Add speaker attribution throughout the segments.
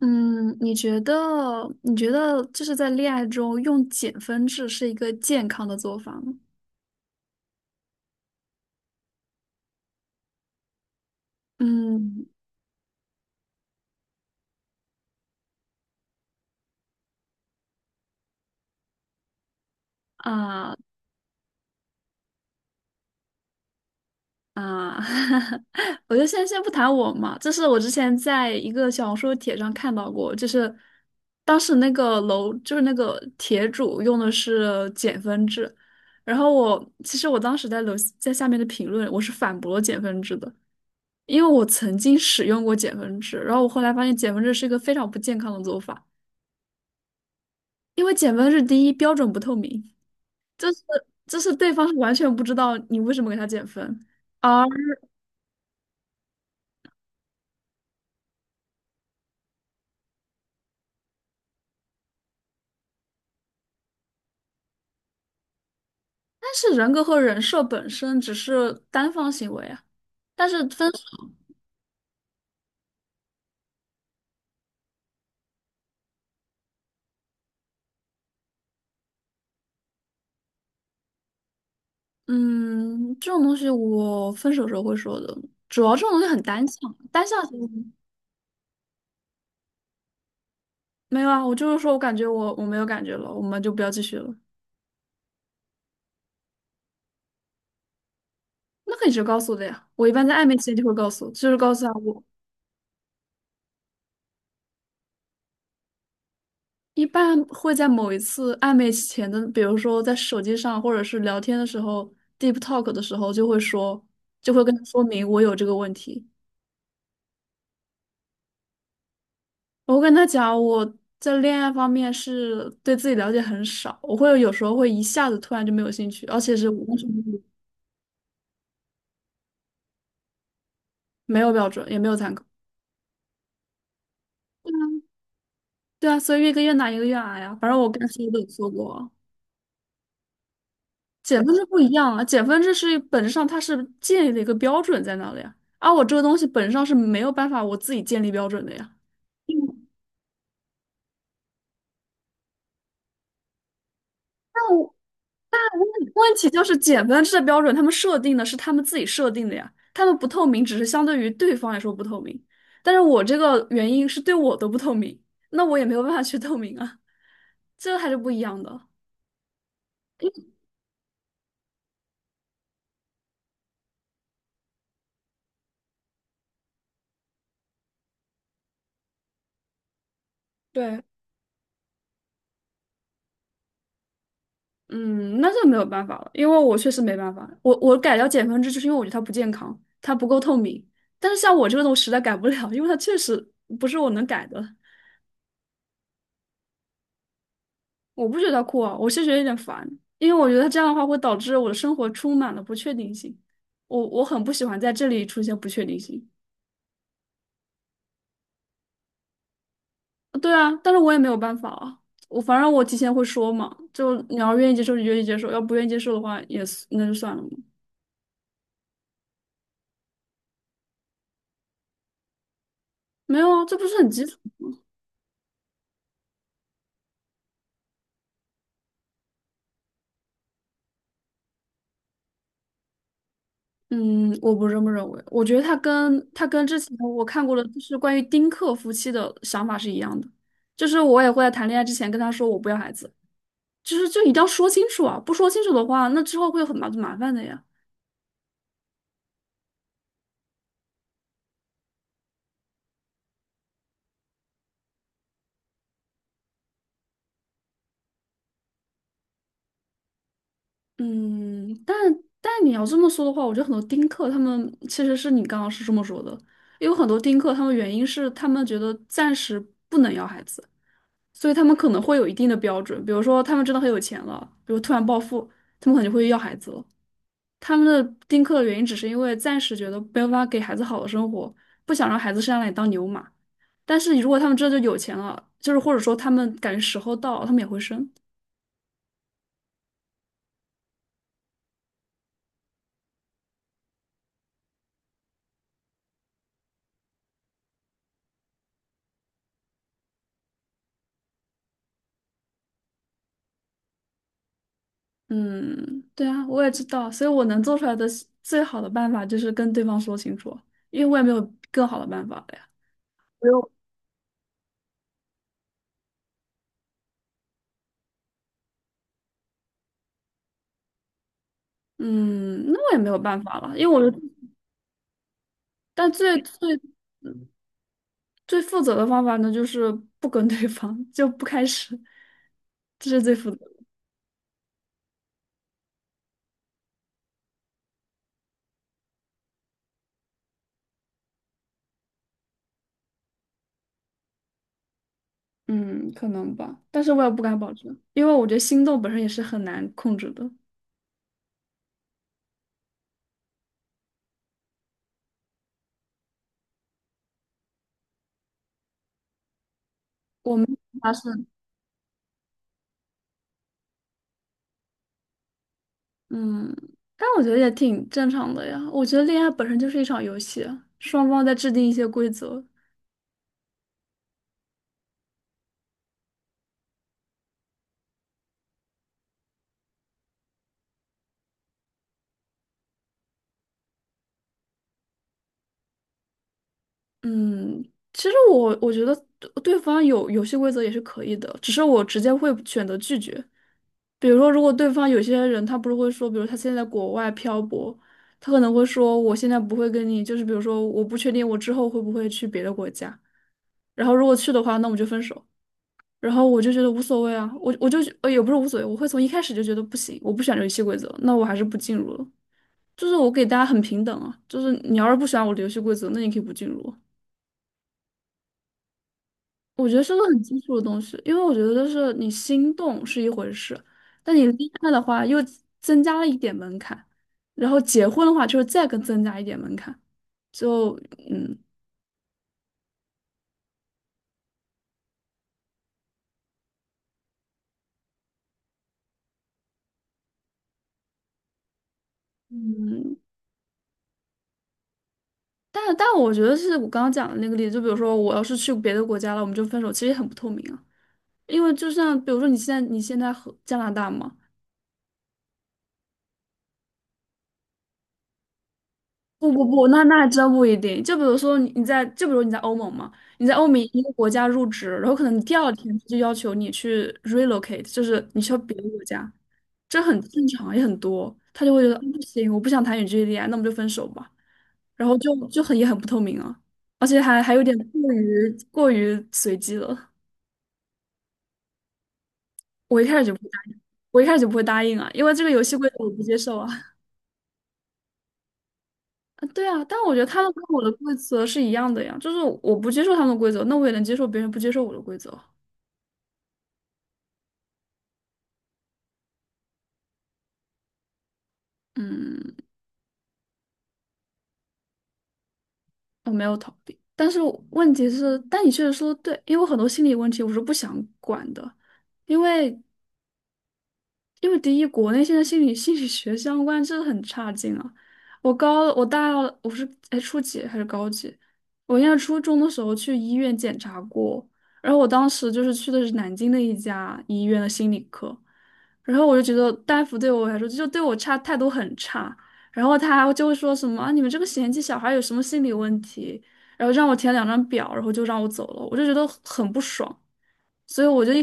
Speaker 1: 嗯，你觉得就是在恋爱中用减分制是一个健康的做法吗？嗯啊啊，我就先不谈我嘛，这是我之前在一个小红书帖上看到过，就是当时那个楼就是那个帖主用的是减分制，然后我其实当时在下面的评论我是反驳减分制的，因为我曾经使用过减分制，然后我后来发现减分制是一个非常不健康的做法。因为减分是第一，标准不透明，就是就是对方是完全不知道你为什么给他减分，啊。但是人格和人设本身只是单方行为啊，但是分手。嗯，这种东西我分手时候会说的，主要这种东西很单向，单向行为。没有啊，我就是说我感觉我没有感觉了，我们就不要继续了，那可以直接告诉的呀，我一般在暧昧期间就会告诉，就是告诉他我一般会在某一次暧昧前的，比如说在手机上或者是聊天的时候，deep talk 的时候，就会跟他说明我有这个问题。我会跟他讲我在恋爱方面是对自己了解很少，我会有时候会一下子突然就没有兴趣，而且是我完全没有标准，也没有参考。对啊，对啊，所以越跟越难，一个越矮呀。反正我该说的也有说过啊。减分制不一样啊，减分制是本质上它是建立了一个标准在那里啊，而我这个东西本质上是没有办法我自己建立标准的呀。那我问题就是减分制的标准，他们设定的是他们自己设定的呀，他们不透明，只是相对于对方来说不透明，但是我这个原因是对我的不透明，那我也没有办法去 透明啊，这还是不一样的。对。嗯，那这没有办法了，因为我确实没办法。我改掉减分制，就是因为我觉得它不健康，它不够透明。但是像我这个，种实在改不了，因为它确实不是我能改的。我不觉得它酷啊，我是觉得有点烦，因为我觉得这样的话会导致我的生活充满了不确定性。我很不喜欢在这里出现不确定性。对啊，但是我也没有办法啊。我反正我提前会说嘛，就你要愿意接受就愿意接受，要不愿意接受的话也是那就算了嘛。没有啊，这不是很基础。嗯，我不这么认为。我觉得他跟之前我看过的，就是关于丁克夫妻的想法是一样的，就是我也会在谈恋爱之前跟他说我不要孩子，就是就一定要说清楚啊，不说清楚的话，那之后会有很麻烦的呀。嗯，但你要这么说的话，我觉得很多丁克他们其实是你刚刚是这么说的，有很多丁克他们原因是他们觉得暂时不能要孩子，所以他们可能会有一定的标准，比如说他们真的很有钱了，比如突然暴富，他们可能就会要孩子了。他们的丁克的原因只是因为暂时觉得没有办法给孩子好的生活，不想让孩子生下来当牛马。但是如果他们真的就有钱了，就是或者说他们感觉时候到了，他们也会生。嗯，对啊，我也知道，所以我能做出来的最好的办法就是跟对方说清楚，因为我也没有更好的办法了呀。不用。嗯，那我也没有办法了，因为我就，但最负责的方法呢，就是不跟对方，就不开始，这是最负责。嗯，可能吧，但是我也不敢保证，因为我觉得心动本身也是很难控制的。我们发是，嗯，但我觉得也挺正常的呀。我觉得恋爱本身就是一场游戏啊双方在制定一些规则。嗯，其实我觉得对对方有游戏规则也是可以的，只是我直接会选择拒绝。比如说，如果对方有些人他不是会说，比如他现在在国外漂泊，他可能会说我现在不会跟你，就是比如说我不确定我之后会不会去别的国家。然后如果去的话，那我们就分手。然后我就觉得无所谓啊，我我就呃也不是无所谓，我会从一开始就觉得不行，我不喜欢这游戏规则，那我还是不进入了。就是我给大家很平等啊，就是你要是不喜欢我的游戏规则，那你可以不进入。我觉得是个很基础的东西，因为我觉得就是你心动是一回事，但你恋爱的话又增加了一点门槛，然后结婚的话就是再更增加一点门槛，就嗯嗯。但我觉得是我刚刚讲的那个例子，就比如说我要是去别的国家了，我们就分手，其实也很不透明啊。因为就像比如说你现在和加拿大嘛，不不不，那还真不一定。就比如说你你在就比如你在欧盟嘛，你在欧盟一个国家入职，然后可能你第二天就要求你去 relocate，就是你去到别的国家，这很正常也很多。他就会觉得不行，我不想谈远距离恋爱，那我们就分手吧。然后就很也很不透明啊，而且还有点过于随机了。我一开始就不答应，我一开始就不会答应啊，因为这个游戏规则我不接受啊。啊对啊，但我觉得他们跟我的规则是一样的呀，就是我不接受他们的规则，那我也能接受别人不接受我的规则。嗯，我没有逃避，但是我问题是，但你确实说的对，因为我很多心理问题我是不想管的，因为因为第一，国内现在心理学相关真的很差劲啊！我高我大二我是初几还是高几？我应该初中的时候去医院检查过，然后我当时就是去的是南京的一家医院的心理科，然后我就觉得大夫对我来说就对我差态度很差，然后他就会说什么啊你们这个嫌弃小孩有什么心理问题，然后让我填两张表，然后就让我走了，我就觉得很不爽，所以我就一。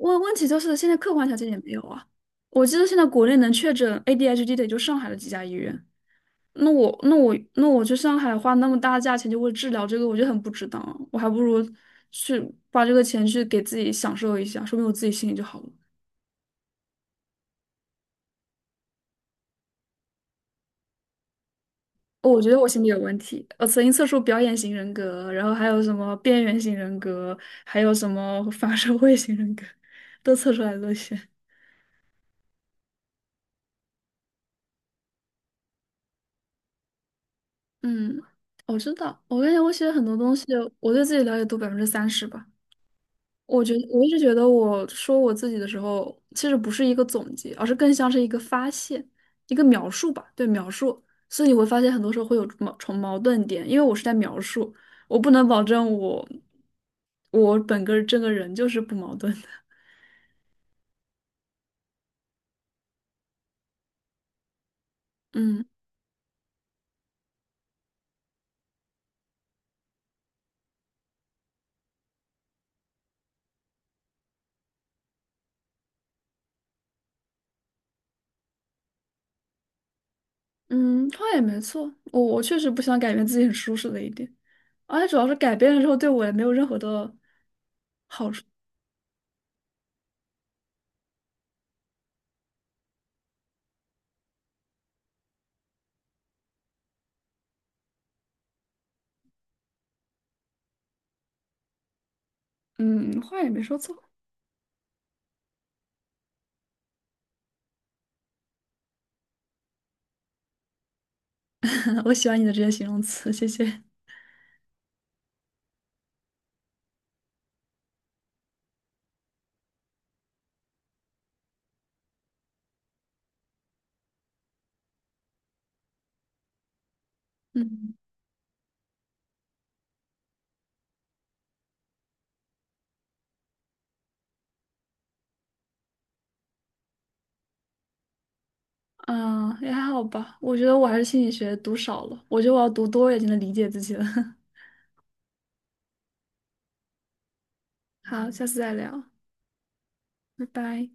Speaker 1: 问题就是现在客观条件也没有啊。我记得现在国内能确诊 ADHD 的也就上海的几家医院。那我去上海花那么大的价钱就为治疗这个，我就很不值当啊我还不如去花这个钱去给自己享受一下，说明我自己心里就好了。哦我觉得我心里有问题，我曾经测出表演型人格，然后还有什么边缘型人格，还有什么 反社会型人格，都测出来了些。嗯，我知道，我感觉我写很多东西，我对自己了解度30%吧。我觉得我一直觉得，我说我自己的时候，其实不是一个总结，而是更像是一个发现，一个描述吧。对，描述。所以你会发现，很多时候会有矛盾点，因为我是在描述，我不能保证我这个人就是不矛盾的。嗯嗯，话也没错，我确实不想改变自己很舒适的一点，而且主要是改变了之后，对我也没有任何的，嗯，话也没说错。我喜欢你的这些形容词，谢谢。嗯。嗯，也还好吧。我觉得我还是心理学读少了，我觉得我要读多一点才能理解自己了。好，下次再聊，拜拜。